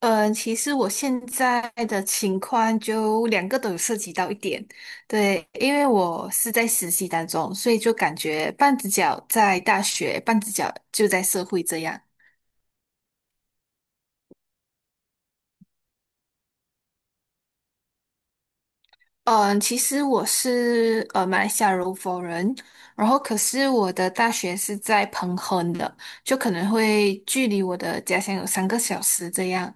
嗯，其实我现在的情况就两个都有涉及到一点，对，因为我是在实习当中，所以就感觉半只脚在大学，半只脚就在社会这样。嗯，其实我是马来西亚柔佛人，然后可是我的大学是在彭亨的，就可能会距离我的家乡有3个小时这样。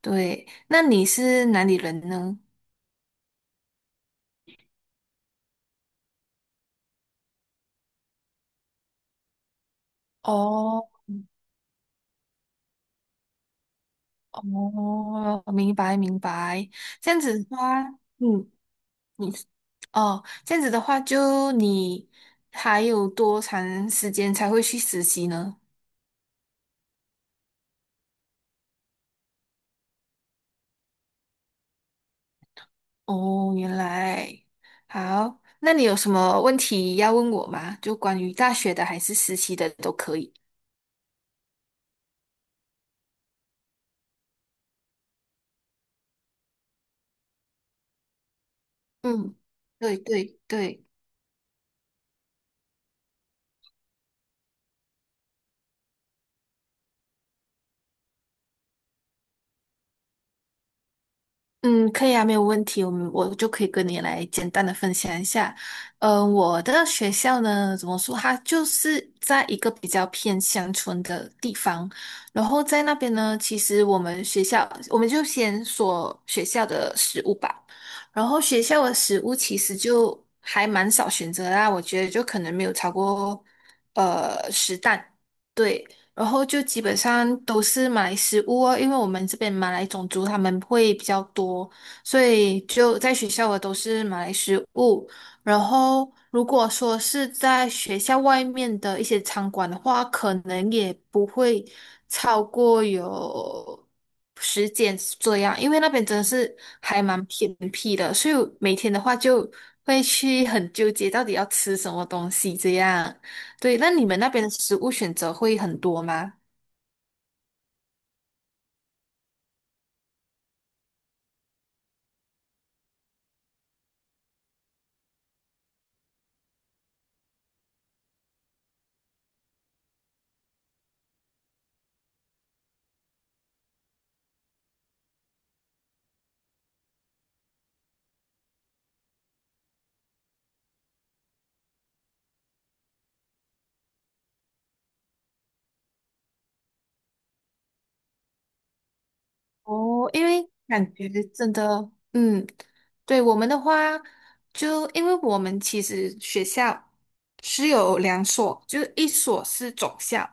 对，那你是哪里人呢？哦。哦，明白明白，这样子的话，嗯，你哦，这样子的话，就你还有多长时间才会去实习呢？哦，原来好，那你有什么问题要问我吗？就关于大学的还是实习的都可以。嗯，对对对。嗯，可以啊，没有问题。我就可以跟你来简单的分享一下。我的学校呢，怎么说，它就是在一个比较偏乡村的地方。然后在那边呢，其实我们学校，我们就先说学校的食物吧。然后学校的食物其实就还蛮少选择啦，我觉得就可能没有超过10档。对，然后就基本上都是马来食物哦，因为我们这边马来种族他们会比较多，所以就在学校的都是马来食物。然后如果说是在学校外面的一些餐馆的话，可能也不会超过有10间这样，因为那边真的是还蛮偏僻的，所以每天的话就会去很纠结到底要吃什么东西这样。对，那你们那边的食物选择会很多吗？哦，因为感觉真的，嗯，对我们的话，就因为我们其实学校是有2所，就是一所是总校，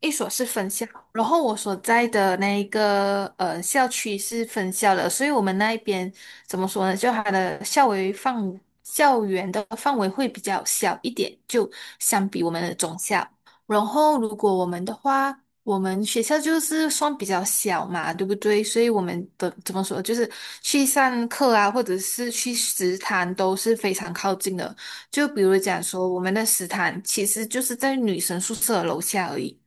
一所是分校。然后我所在的那一个校区是分校的，所以我们那一边怎么说呢？就它的校园的范围会比较小一点，就相比我们的总校。然后，如果我们的话，我们学校就是算比较小嘛，对不对？所以我们的怎么说，就是去上课啊，或者是去食堂都是非常靠近的。就比如讲说，我们的食堂其实就是在女生宿舍的楼下而已，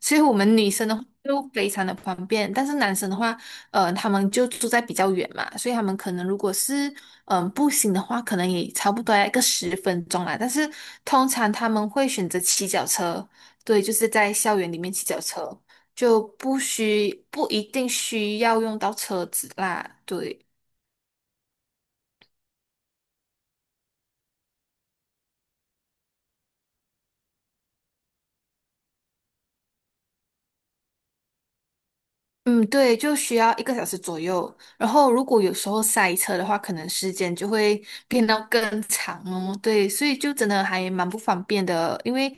所以我们女生的话就非常的方便。但是男生的话，他们就住在比较远嘛，所以他们可能如果是步行的话，可能也差不多要1个10分钟啦。但是通常他们会选择骑脚车。对，就是在校园里面骑脚车，就不一定需要用到车子啦。对，嗯，对，就需要一个小时左右。然后如果有时候塞车的话，可能时间就会变到更长哦。对，所以就真的还蛮不方便的，因为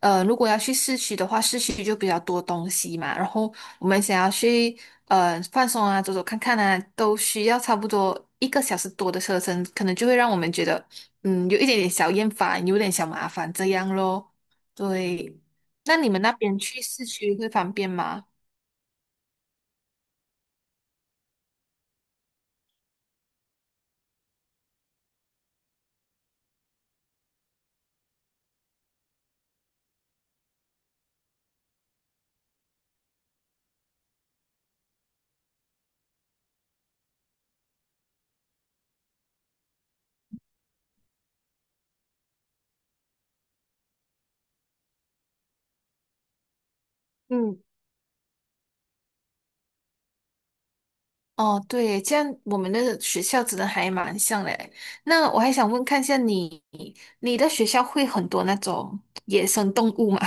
如果要去市区的话，市区就比较多东西嘛。然后我们想要去放松啊，走走看看啊，都需要差不多1个小时多的车程，可能就会让我们觉得嗯有一点点小厌烦，有点小麻烦这样咯。对，那你们那边去市区会方便吗？嗯。哦，对，这样我们的学校真的还蛮像嘞。那我还想问看一下你，你的学校会很多那种野生动物吗？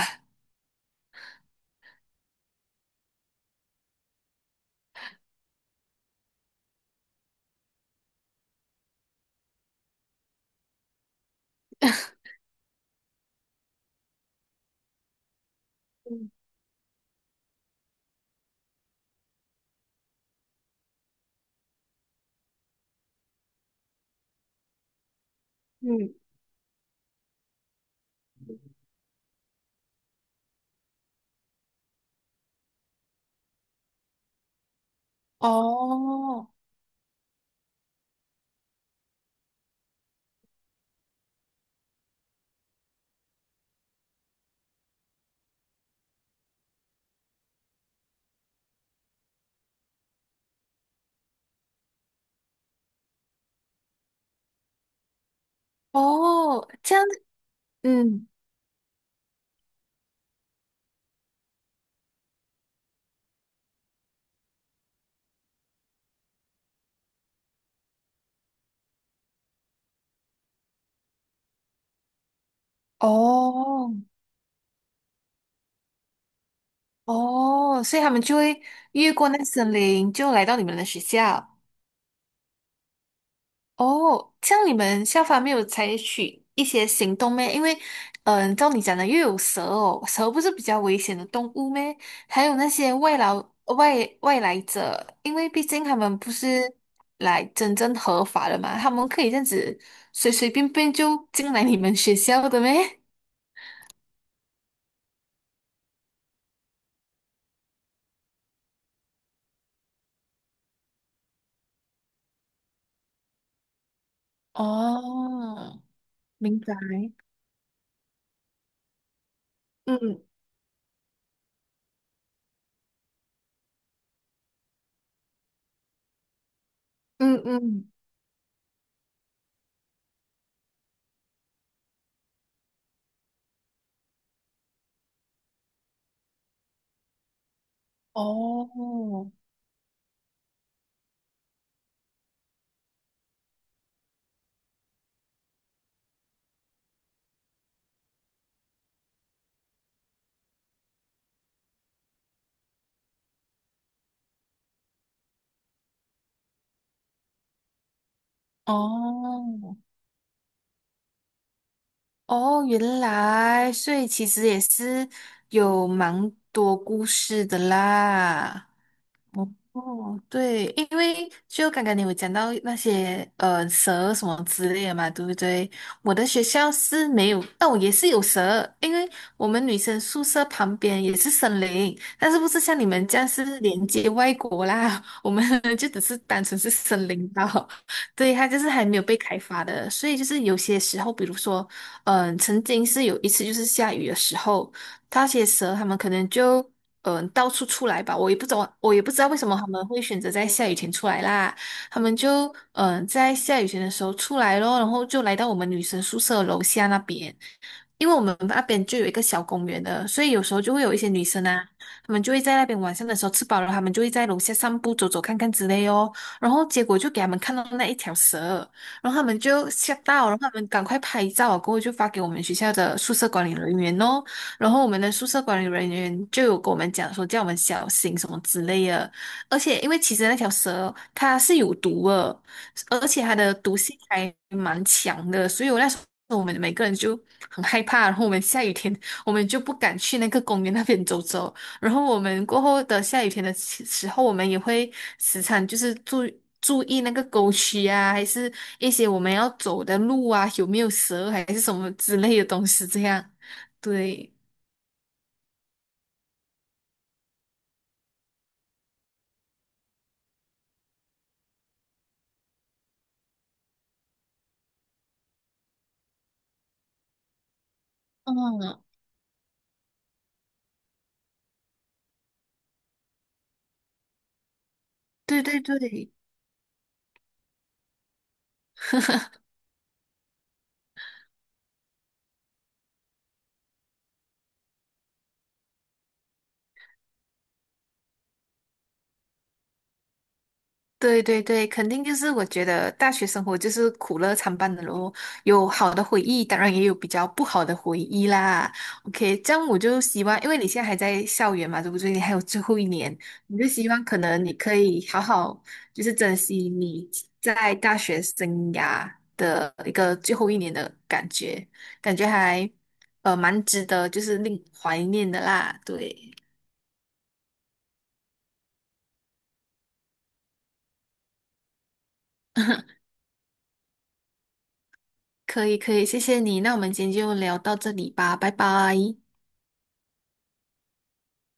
嗯 哦哦，这样，嗯，哦哦，所以他们就会越过那森林，就来到你们的学校。哦，像你们校方没有采取一些行动咩？因为，照你讲的，又有蛇哦，蛇不是比较危险的动物咩？还有那些外劳、外来者，因为毕竟他们不是来真正合法的嘛，他们可以这样子随随便便就进来你们学校的咩？哦，明白。嗯嗯嗯，哦哦，哦，原来，所以其实也是有蛮多故事的啦。哦，哦对，因为就刚刚你有讲到那些蛇什么之类的嘛，对不对？我的学校是没有，哦，也是有蛇，因为我们女生宿舍旁边也是森林，但是不是像你们这样是连接外国啦，我们 就只是单纯是森林岛，对，它就是还没有被开发的，所以就是有些时候，比如说，曾经是有1次就是下雨的时候。那些蛇他们可能就到处出来吧，我也不懂，我也不知道为什么他们会选择在下雨天出来啦。他们就在下雨天的时候出来咯，然后就来到我们女生宿舍楼下那边，因为我们那边就有一个小公园的，所以有时候就会有一些女生啊，她们就会在那边晚上的时候吃饱了，她们就会在楼下散步、走走看看之类哦。然后结果就给他们看到那1条蛇。然后他们就吓到，然后他们赶快拍照啊，过后就发给我们学校的宿舍管理人员哦。然后我们的宿舍管理人员就有跟我们讲说，叫我们小心什么之类的。而且，因为其实那条蛇它是有毒的，而且它的毒性还蛮强的，所以我那时候我们每个人就很害怕。然后我们下雨天，我们就不敢去那个公园那边走走。然后我们过后的下雨天的时候，我们也会时常就是注意注意那个沟渠啊，还是一些我们要走的路啊，有没有蛇还是什么之类的东西这样。对，嗯，对对对对对对，肯定就是我觉得大学生活就是苦乐参半的咯，有好的回忆，当然也有比较不好的回忆啦。OK，这样我就希望，因为你现在还在校园嘛，对不对？你还有最后一年，我就希望可能你可以好好就是珍惜你在大学生涯的一个最后一年的感觉，感觉还蛮值得，就是令怀念的啦，对。可以可以，谢谢你。那我们今天就聊到这里吧，拜拜。